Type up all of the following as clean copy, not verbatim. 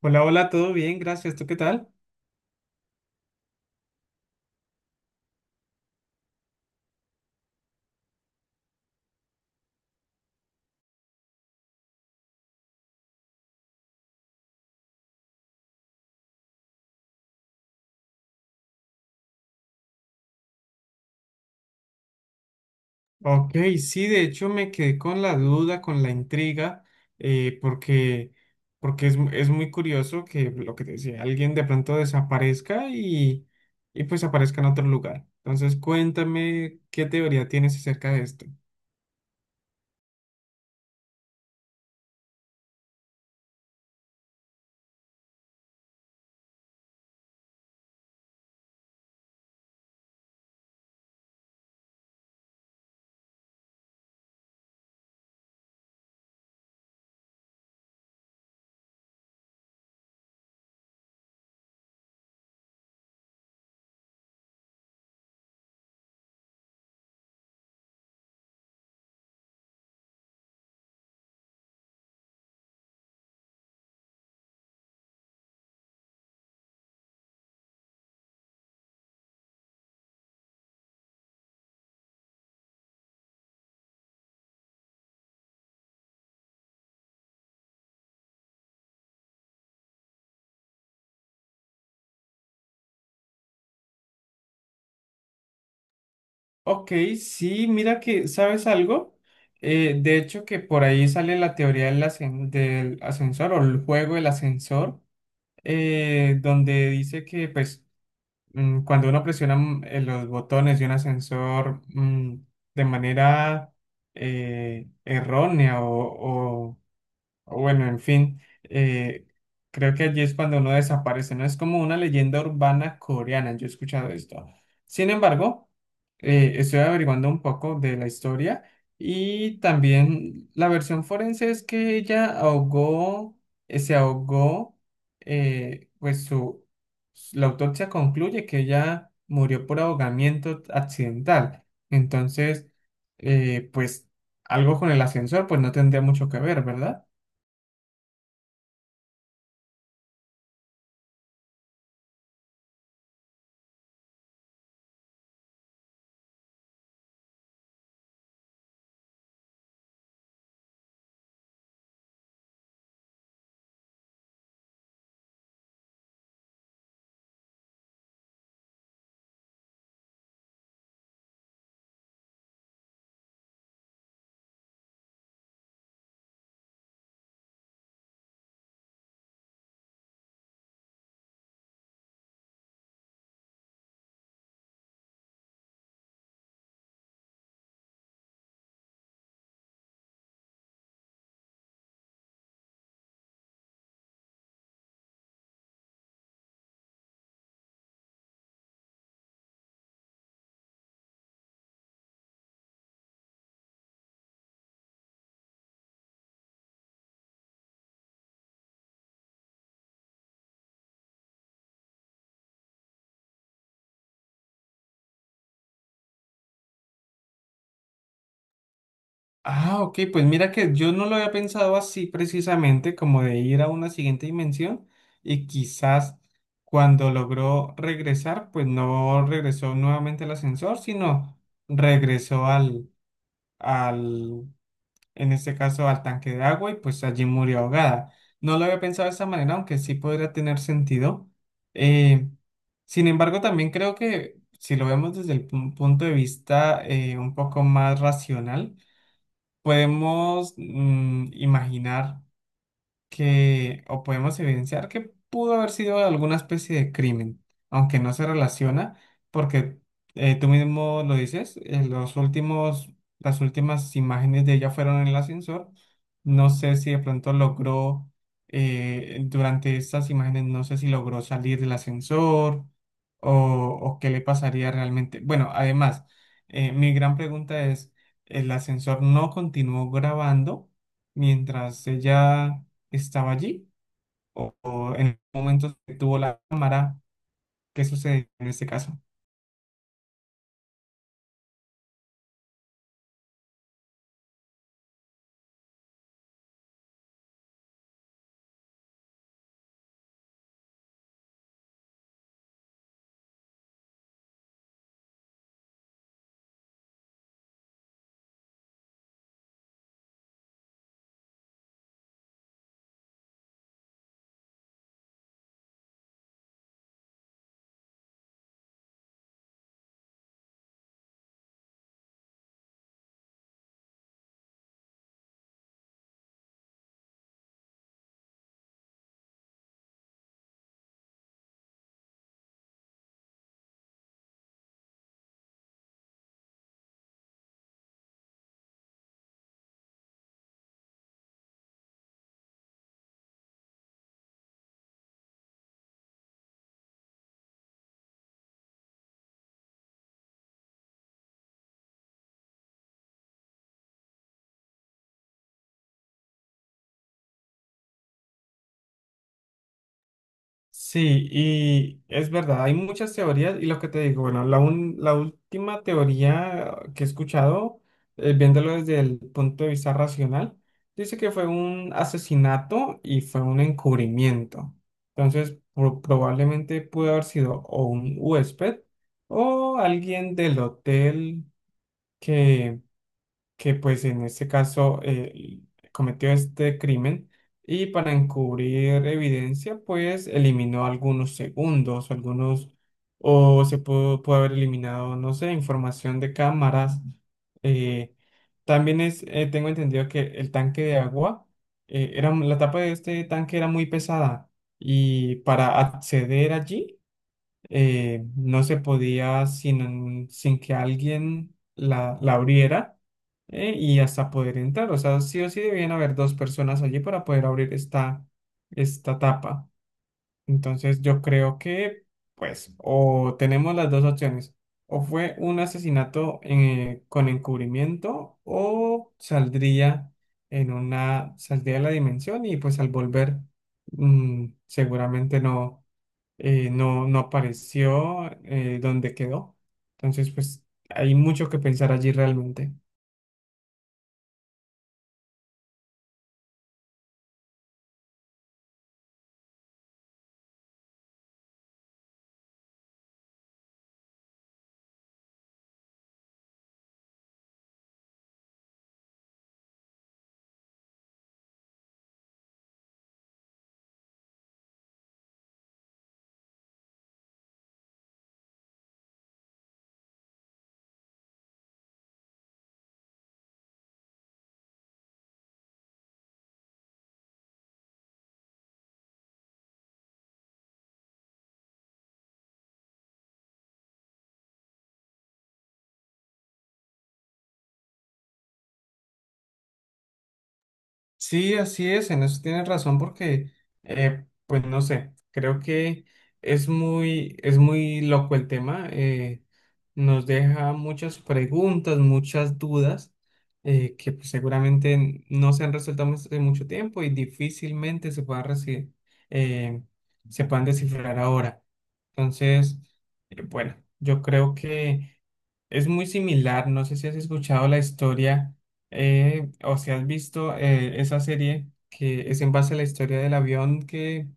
Hola, hola, todo bien, gracias. ¿Tú qué tal? Ok, sí, de hecho me quedé con la duda, con la intriga, eh, porque, porque es, es muy curioso que lo que te decía, alguien de pronto desaparezca y pues aparezca en otro lugar. Entonces, cuéntame qué teoría tienes acerca de esto. Ok, sí, mira que, ¿sabes algo? De hecho, que por ahí sale la teoría del ascensor o el juego del ascensor, donde dice que pues cuando uno presiona los botones de un ascensor, de manera errónea o bueno, en fin, creo que allí es cuando uno desaparece, ¿no? Es como una leyenda urbana coreana, yo he escuchado esto. Sin embargo, estoy averiguando un poco de la historia y también la versión forense es que ella ahogó, se ahogó, eh, pues su, la autopsia concluye que ella murió por ahogamiento accidental. Entonces, pues algo con el ascensor, pues no tendría mucho que ver, ¿verdad? Ah, ok, pues mira que yo no lo había pensado así precisamente, como de ir a una siguiente dimensión y quizás cuando logró regresar, pues no regresó nuevamente al ascensor, sino regresó al, en este caso, al tanque de agua y pues allí murió ahogada. No lo había pensado de esa manera, aunque sí podría tener sentido. Eh, Sin embargo, también creo que si lo vemos desde el punto de vista un poco más racional, podemos imaginar que, o podemos evidenciar que pudo haber sido alguna especie de crimen, aunque no se relaciona, porque, tú mismo lo dices. Las últimas imágenes de ella fueron en el ascensor. No sé si de pronto logró, durante estas imágenes, no sé si logró salir del ascensor o qué le pasaría realmente. Bueno, además, mi gran pregunta es, ¿el ascensor no continuó grabando mientras ella estaba allí o, o en- tuvo la cámara? ¿Qué sucede en este caso? Sí, y es verdad, hay muchas teorías y lo que te digo, bueno, la última teoría que he escuchado, viéndolo desde el punto de vista racional, dice que fue un asesinato y fue un encubrimiento. Entonces, probablemente pudo haber sido o un huésped o alguien del hotel que que pues en este caso cometió este crimen y para encubrir evidencia pues eliminó algunos segundos, algunos o se pudo, pudo haber eliminado, no sé, información de cámaras. Eh, También es, tengo entendido que el tanque de agua, la tapa de este tanque era muy pesada y para acceder allí, no se podía sin que alguien la abriera y hasta poder entrar. O sea, sí o sí debían haber dos personas allí para poder abrir esta, esta tapa. Entonces yo creo que, pues, o tenemos las dos opciones. O fue un asesinato con encubrimiento o saldría en una, saldría de la dimensión y pues al volver, seguramente no, no apareció dónde quedó. Entonces, pues hay mucho que pensar allí realmente. Sí, así es, en eso tienes razón porque, pues no sé, creo que es muy loco el tema, nos deja muchas preguntas, muchas dudas, que pues, seguramente no se han resuelto hace mucho tiempo y difícilmente se eh, se puedan descifrar ahora. Entonces, bueno, yo creo que es muy similar, no sé si has escuchado la historia, o si has visto esa serie que es en base a la historia del avión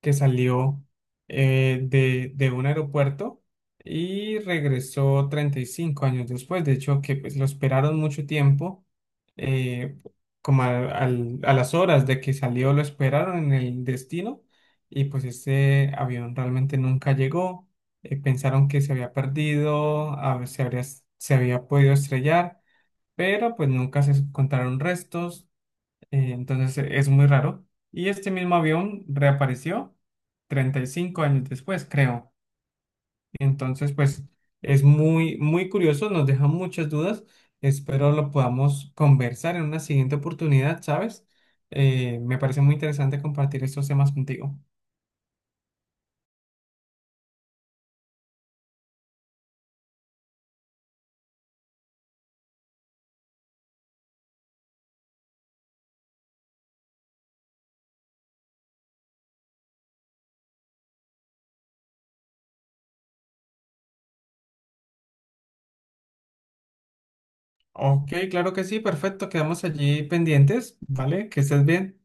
que salió de un aeropuerto y regresó 35 años después. De hecho, que pues, lo esperaron mucho tiempo, eh, a las horas de que salió, lo esperaron en el destino y pues este avión realmente nunca llegó. Pensaron que se había perdido, se había podido estrellar, pero pues nunca se encontraron restos. Es muy raro. Y este mismo avión reapareció 35 años después, creo. Entonces, pues es muy, muy curioso, nos deja muchas dudas. Espero lo podamos conversar en una siguiente oportunidad, ¿sabes? Me parece muy interesante compartir estos temas contigo. Ok, claro que sí, perfecto, quedamos allí pendientes, ¿vale? Que estés bien.